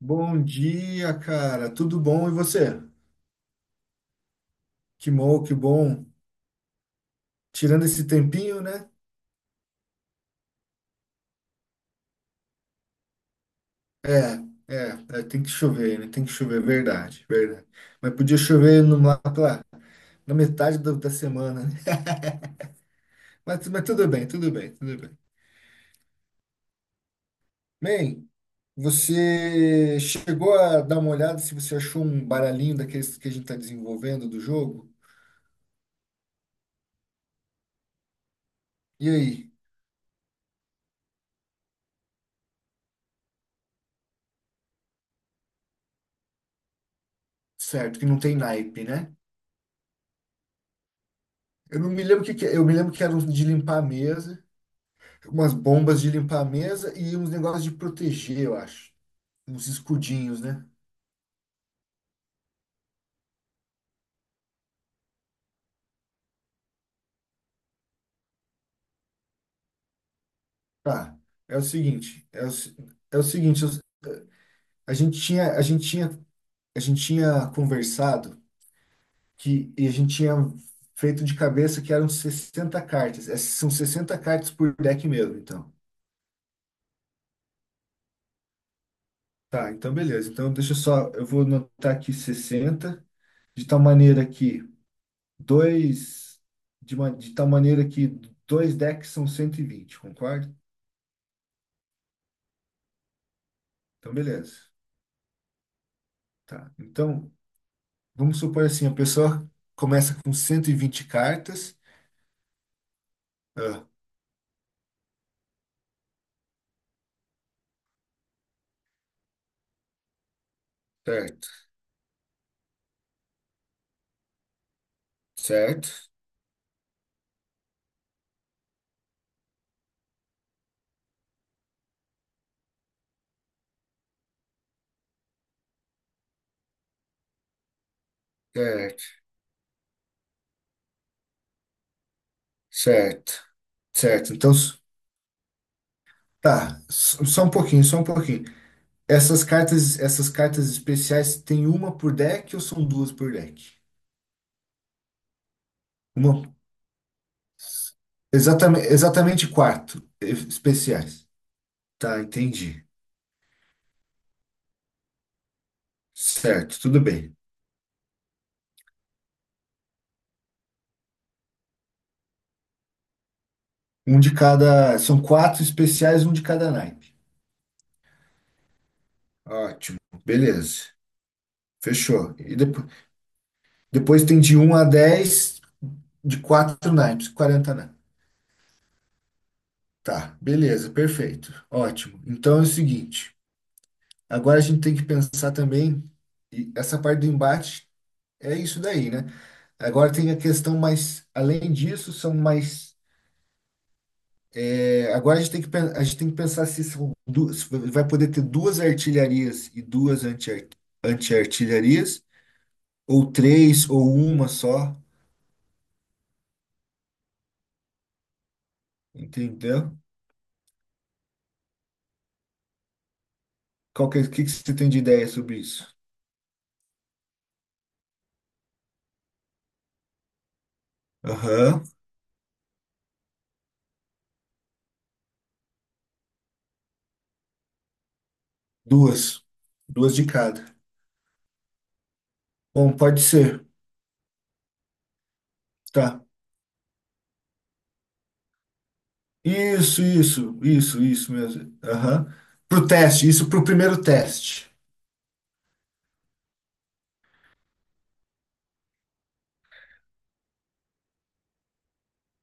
Bom dia, cara. Tudo bom? E você? Que bom, que bom. Tirando esse tempinho, né? É, é, é, tem que chover, né? Tem que chover, verdade, verdade. Mas podia chover no, lá pela, na metade da semana, né? Mas tudo bem, tudo bem, tudo bem. Bem, você chegou a dar uma olhada se você achou um baralhinho daqueles que a gente está desenvolvendo do jogo? E aí? Certo, que não tem naipe, né? Eu não me lembro o que que é. Eu me lembro que era um de limpar a mesa. Umas bombas de limpar a mesa e uns negócios de proteger, eu acho. Uns escudinhos, né? Tá. É o seguinte, é o, se- é o seguinte, eu- a gente tinha, a gente tinha, a gente tinha conversado que e a gente tinha feito de cabeça que eram 60 cartas. Essas são 60 cartas por deck mesmo, então. Tá, então beleza. Então deixa eu só, eu vou anotar aqui 60 de tal maneira que dois de tal maneira que dois decks são 120, concorda? Então beleza. Tá. Então, vamos supor assim, a pessoa começa com 120 cartas. Ah, certo, certo, certo, certo, certo. Então, tá, só um pouquinho, só um pouquinho. Essas cartas especiais tem uma por deck ou são duas por deck? Uma, exatamente, exatamente quatro especiais. Tá, entendi. Certo, tudo bem. Um de cada, são quatro especiais, um de cada naipe. Ótimo, beleza. Fechou. Depois tem de um a 10 de 4 naipes, 40 naipes. Tá, beleza, perfeito. Ótimo. Então é o seguinte, agora a gente tem que pensar também, e essa parte do embate é isso daí, né? Agora tem a questão mais, além disso, são mais. Agora a gente tem que pensar se são duas, se vai poder ter duas artilharias e duas anti-artilharias, ou três, ou uma só, entendeu? O que, que você tem de ideia sobre isso? Aham. Duas. Duas de cada. Bom, pode ser. Tá. Isso mesmo. Aham. Pro teste, isso pro primeiro teste.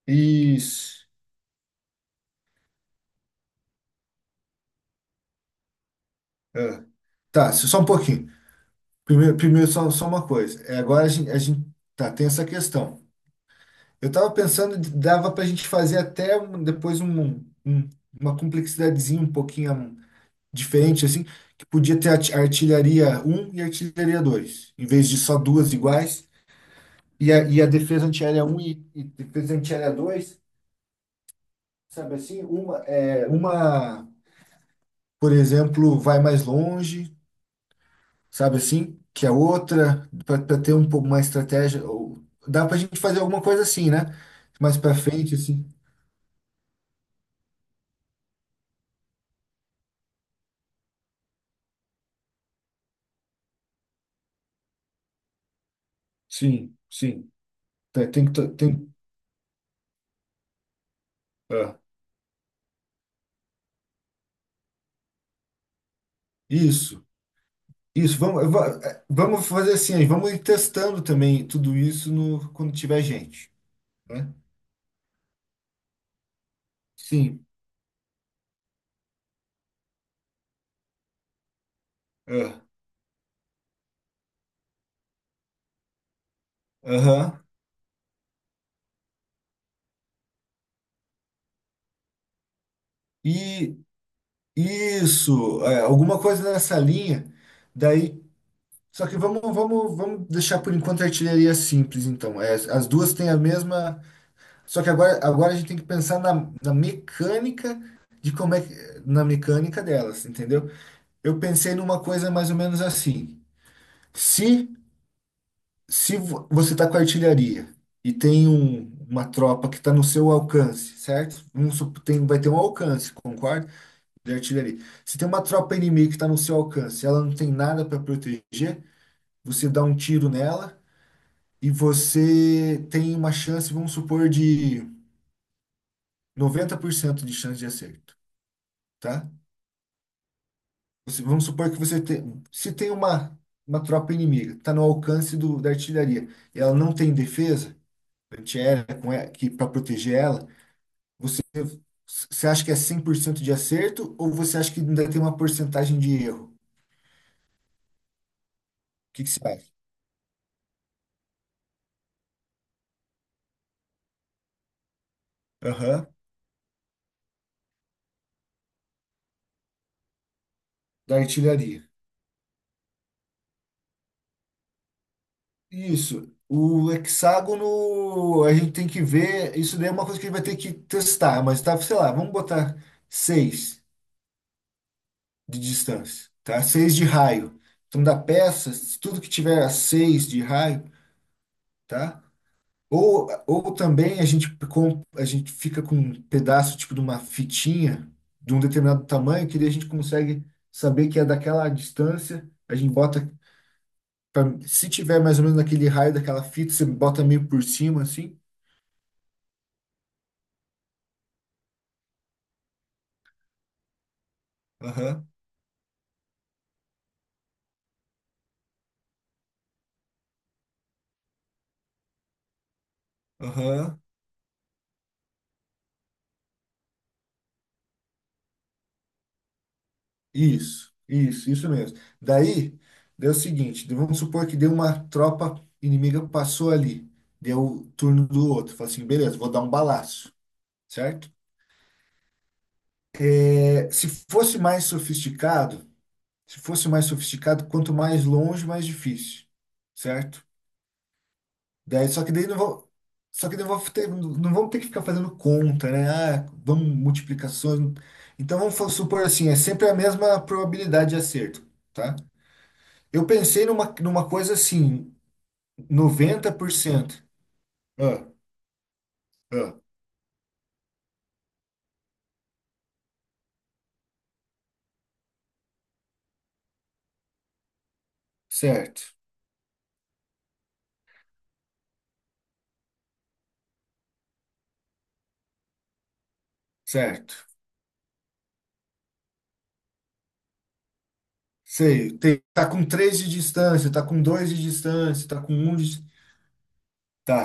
Isso. Ah, tá, só um pouquinho. Primeiro só uma coisa. É, agora a gente- Tá, tem essa questão. Eu tava pensando, dava pra gente fazer até depois uma complexidadezinha um pouquinho diferente, assim, que podia ter a artilharia um e artilharia 2, em vez de só duas iguais. E a defesa antiaérea um e defesa antiaérea dois, sabe assim? Uma, por exemplo, vai mais longe, sabe assim? Que a outra, para ter um pouco mais estratégia, dá para a gente fazer alguma coisa assim, né? Mais para frente, assim. Sim, sim. Tá. Tem que. To- Tem, ah, Isso, isso. Vamos, eu va- eh, Vamos fazer assim, aí, vamos ir testando também tudo isso no, quando tiver gente, né? Sim. ah, Aham. E Isso, é, alguma coisa nessa linha. Daí, só que vamos deixar por enquanto a artilharia simples, então. É, as duas têm a mesma. Só que agora a gente tem que pensar na mecânica de como é que, na mecânica delas, entendeu? Eu pensei numa coisa mais ou menos assim. Se, se vo- Você está com artilharia e tem uma tropa que está no seu alcance, certo? Vai ter um alcance, concorda? De artilharia. Se tem uma tropa inimiga que está no seu alcance, ela não tem nada para proteger, você dá um tiro nela e você tem uma chance, vamos supor, de 90% de chance de acerto, tá? Vamos supor que se tem uma tropa inimiga, está no alcance da artilharia, e ela não tem defesa antiaérea que para proteger ela, você Você acha que é 100% de acerto ou você acha que ainda tem uma porcentagem de erro? O que que você acha? Aham. Da artilharia. Isso. O hexágono, a gente tem que ver. Isso daí é uma coisa que a gente vai ter que testar, mas tá, sei lá, vamos botar seis de distância, tá? Seis de raio. Então, da peça, se tudo que tiver a seis de raio, tá? Ou também a gente fica com um pedaço tipo de uma fitinha de um determinado tamanho, que daí a gente consegue saber que é daquela distância. A gente bota, se tiver mais ou menos naquele raio daquela fita, você bota meio por cima, assim. Aham, aham. Isso mesmo. Daí, deu o seguinte, vamos supor que deu, uma tropa inimiga passou ali, deu o turno do outro, falou assim, beleza, vou dar um balaço, certo? É, se fosse mais sofisticado, quanto mais longe, mais difícil, certo? Daí, só que daí não vou ter, não vamos ter que ficar fazendo conta, né? Ah, vamos multiplicações. Então vamos supor assim, é sempre a mesma probabilidade de acerto, tá? Eu pensei numa coisa assim, 90%. Ah, ah, certo, certo. Sei, tá com três de distância, tá com 2 de distância, tá com um de... Tá,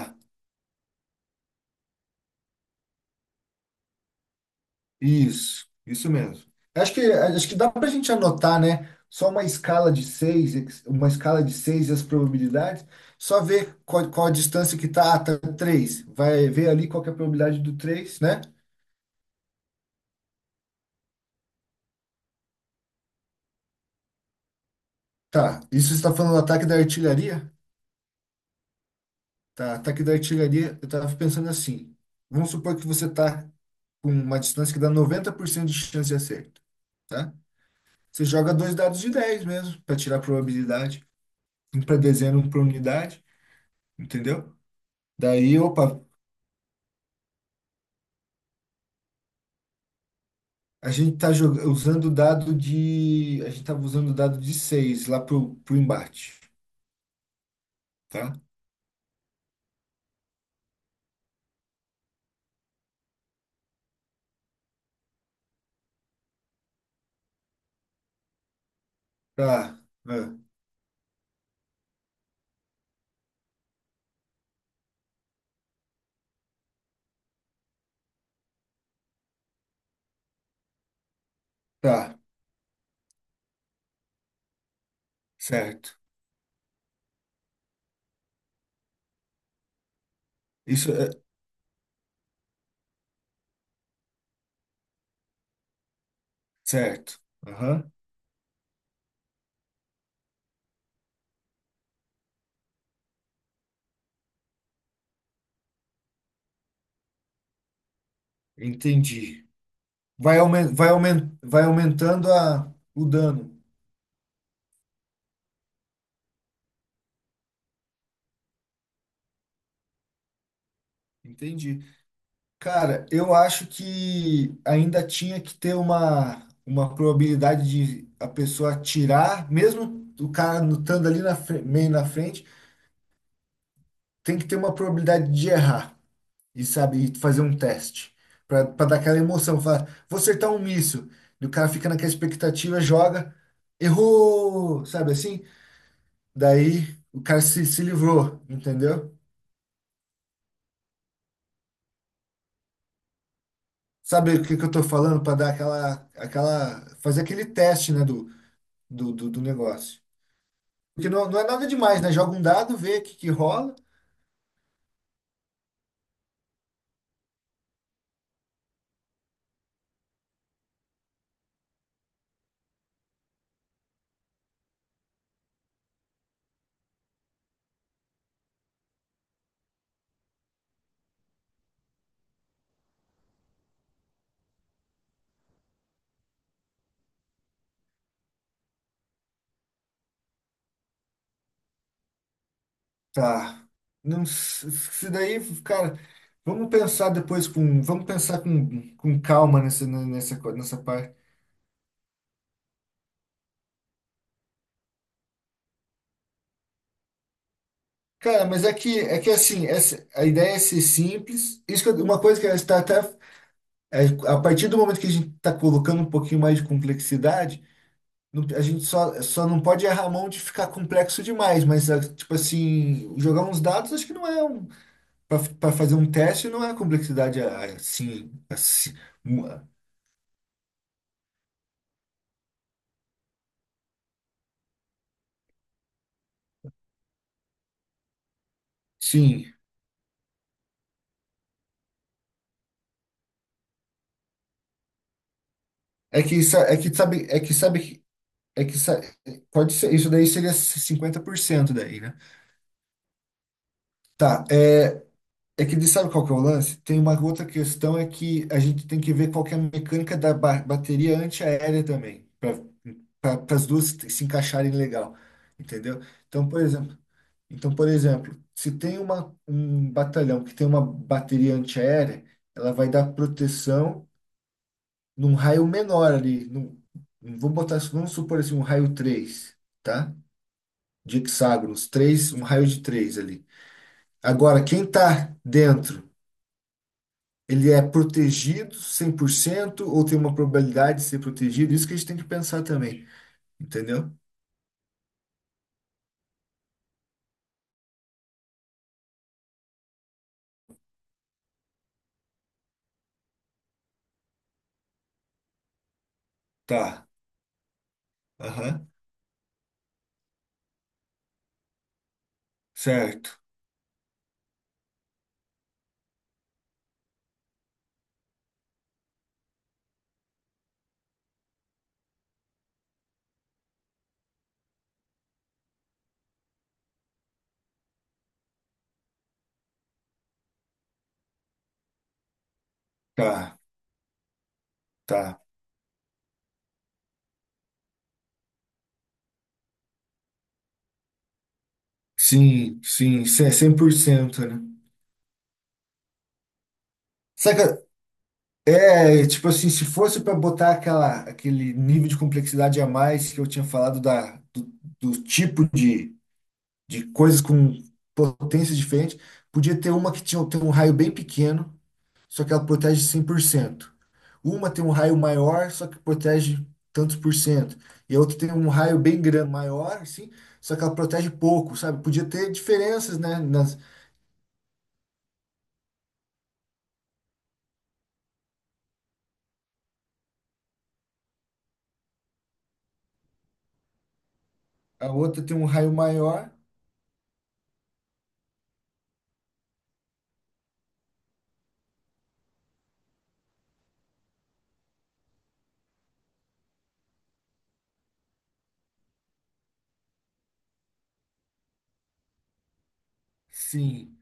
isso mesmo. Acho que dá pra gente anotar, né? Só uma escala de 6, uma escala de 6 e as probabilidades, só ver qual a distância que tá, tá 3. Vai ver ali qual que é a probabilidade do 3, né? Tá, isso você está falando do ataque da artilharia? Tá, ataque da artilharia, eu tava pensando assim. Vamos supor que você tá com uma distância que dá 90% de chance de acerto, tá? Você joga dois dados de 10 mesmo, para tirar a probabilidade. Um para dezena, um para unidade, entendeu? Daí, opa, a gente tá joga- usando o dado de. A gente tava usando o dado de seis lá pro embate, tá? Tá, ah, tá, certo. Isso é certo. Aham, entendi. Vai aumentando o dano. Entendi. Cara, eu acho que ainda tinha que ter uma probabilidade de a pessoa atirar, mesmo o cara lutando ali meio na frente, tem que ter uma probabilidade de errar e sabe, e fazer um teste para dar aquela emoção. Falar, vou acertar um míssil. E o cara fica naquela expectativa, joga, errou, sabe assim? Daí o cara se livrou, entendeu? Sabe o que que eu estou falando para dar aquela, aquela, fazer aquele teste, né, do negócio. Porque não é nada demais, né? Joga um dado, vê o que, que rola. Tá. Não, se daí, cara, vamos pensar com calma nessa parte. Cara, mas é que assim, a ideia é ser simples. Isso que uma coisa que está até, a partir do momento que a gente está colocando um pouquinho mais de complexidade, a gente só não pode errar a mão de ficar complexo demais, mas, tipo assim, jogar uns dados acho que não é um. Para fazer um teste não é complexidade assim. Um, ah, sim. É que sabe. É que sa- Pode ser. Isso daí seria 50% daí, né? Tá. É que ele sabe qual que é o lance? Tem uma outra questão é que a gente tem que ver qual que é a mecânica da bateria antiaérea também, para as duas se encaixarem legal, entendeu? Então, por exemplo, então, por exemplo, se tem um batalhão que tem uma bateria antiaérea, ela vai dar proteção num raio menor ali, vamos supor assim, um raio 3, tá? De hexágonos, três um raio de 3 ali. Agora, quem tá dentro ele é protegido 100% ou tem uma probabilidade de ser protegido? Isso que a gente tem que pensar também, entendeu? Tá, aham, certo, tá, tá. Sim, sim, isso é cem- por cento, né? Saca, tipo assim, se fosse para botar aquela, aquele nível de complexidade a mais que eu tinha falado da, do tipo de coisas com potências diferentes, podia ter uma que tem um raio bem pequeno, só que ela protege 100%. Uma tem um raio maior, só que protege tantos por cento. E a outra tem um raio bem grande, maior, assim, só que ela protege pouco, sabe? Podia ter diferenças, né? Nas... A outra tem um raio maior, sim.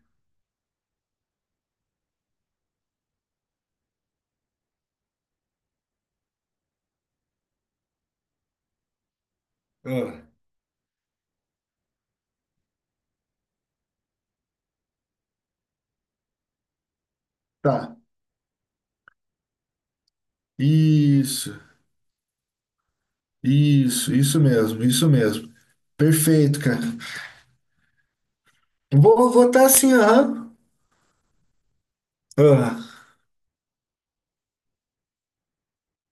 Ah, tá. Isso, isso mesmo, isso mesmo. Perfeito, cara. Vou votar assim, aham. Ah,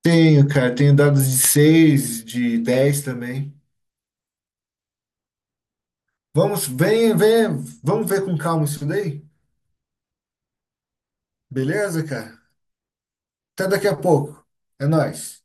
tenho, cara, tenho dados de 6, de 10 também. Vamos, vem, vem, vamos ver com calma isso daí? Beleza, cara? Até daqui a pouco. É nóis.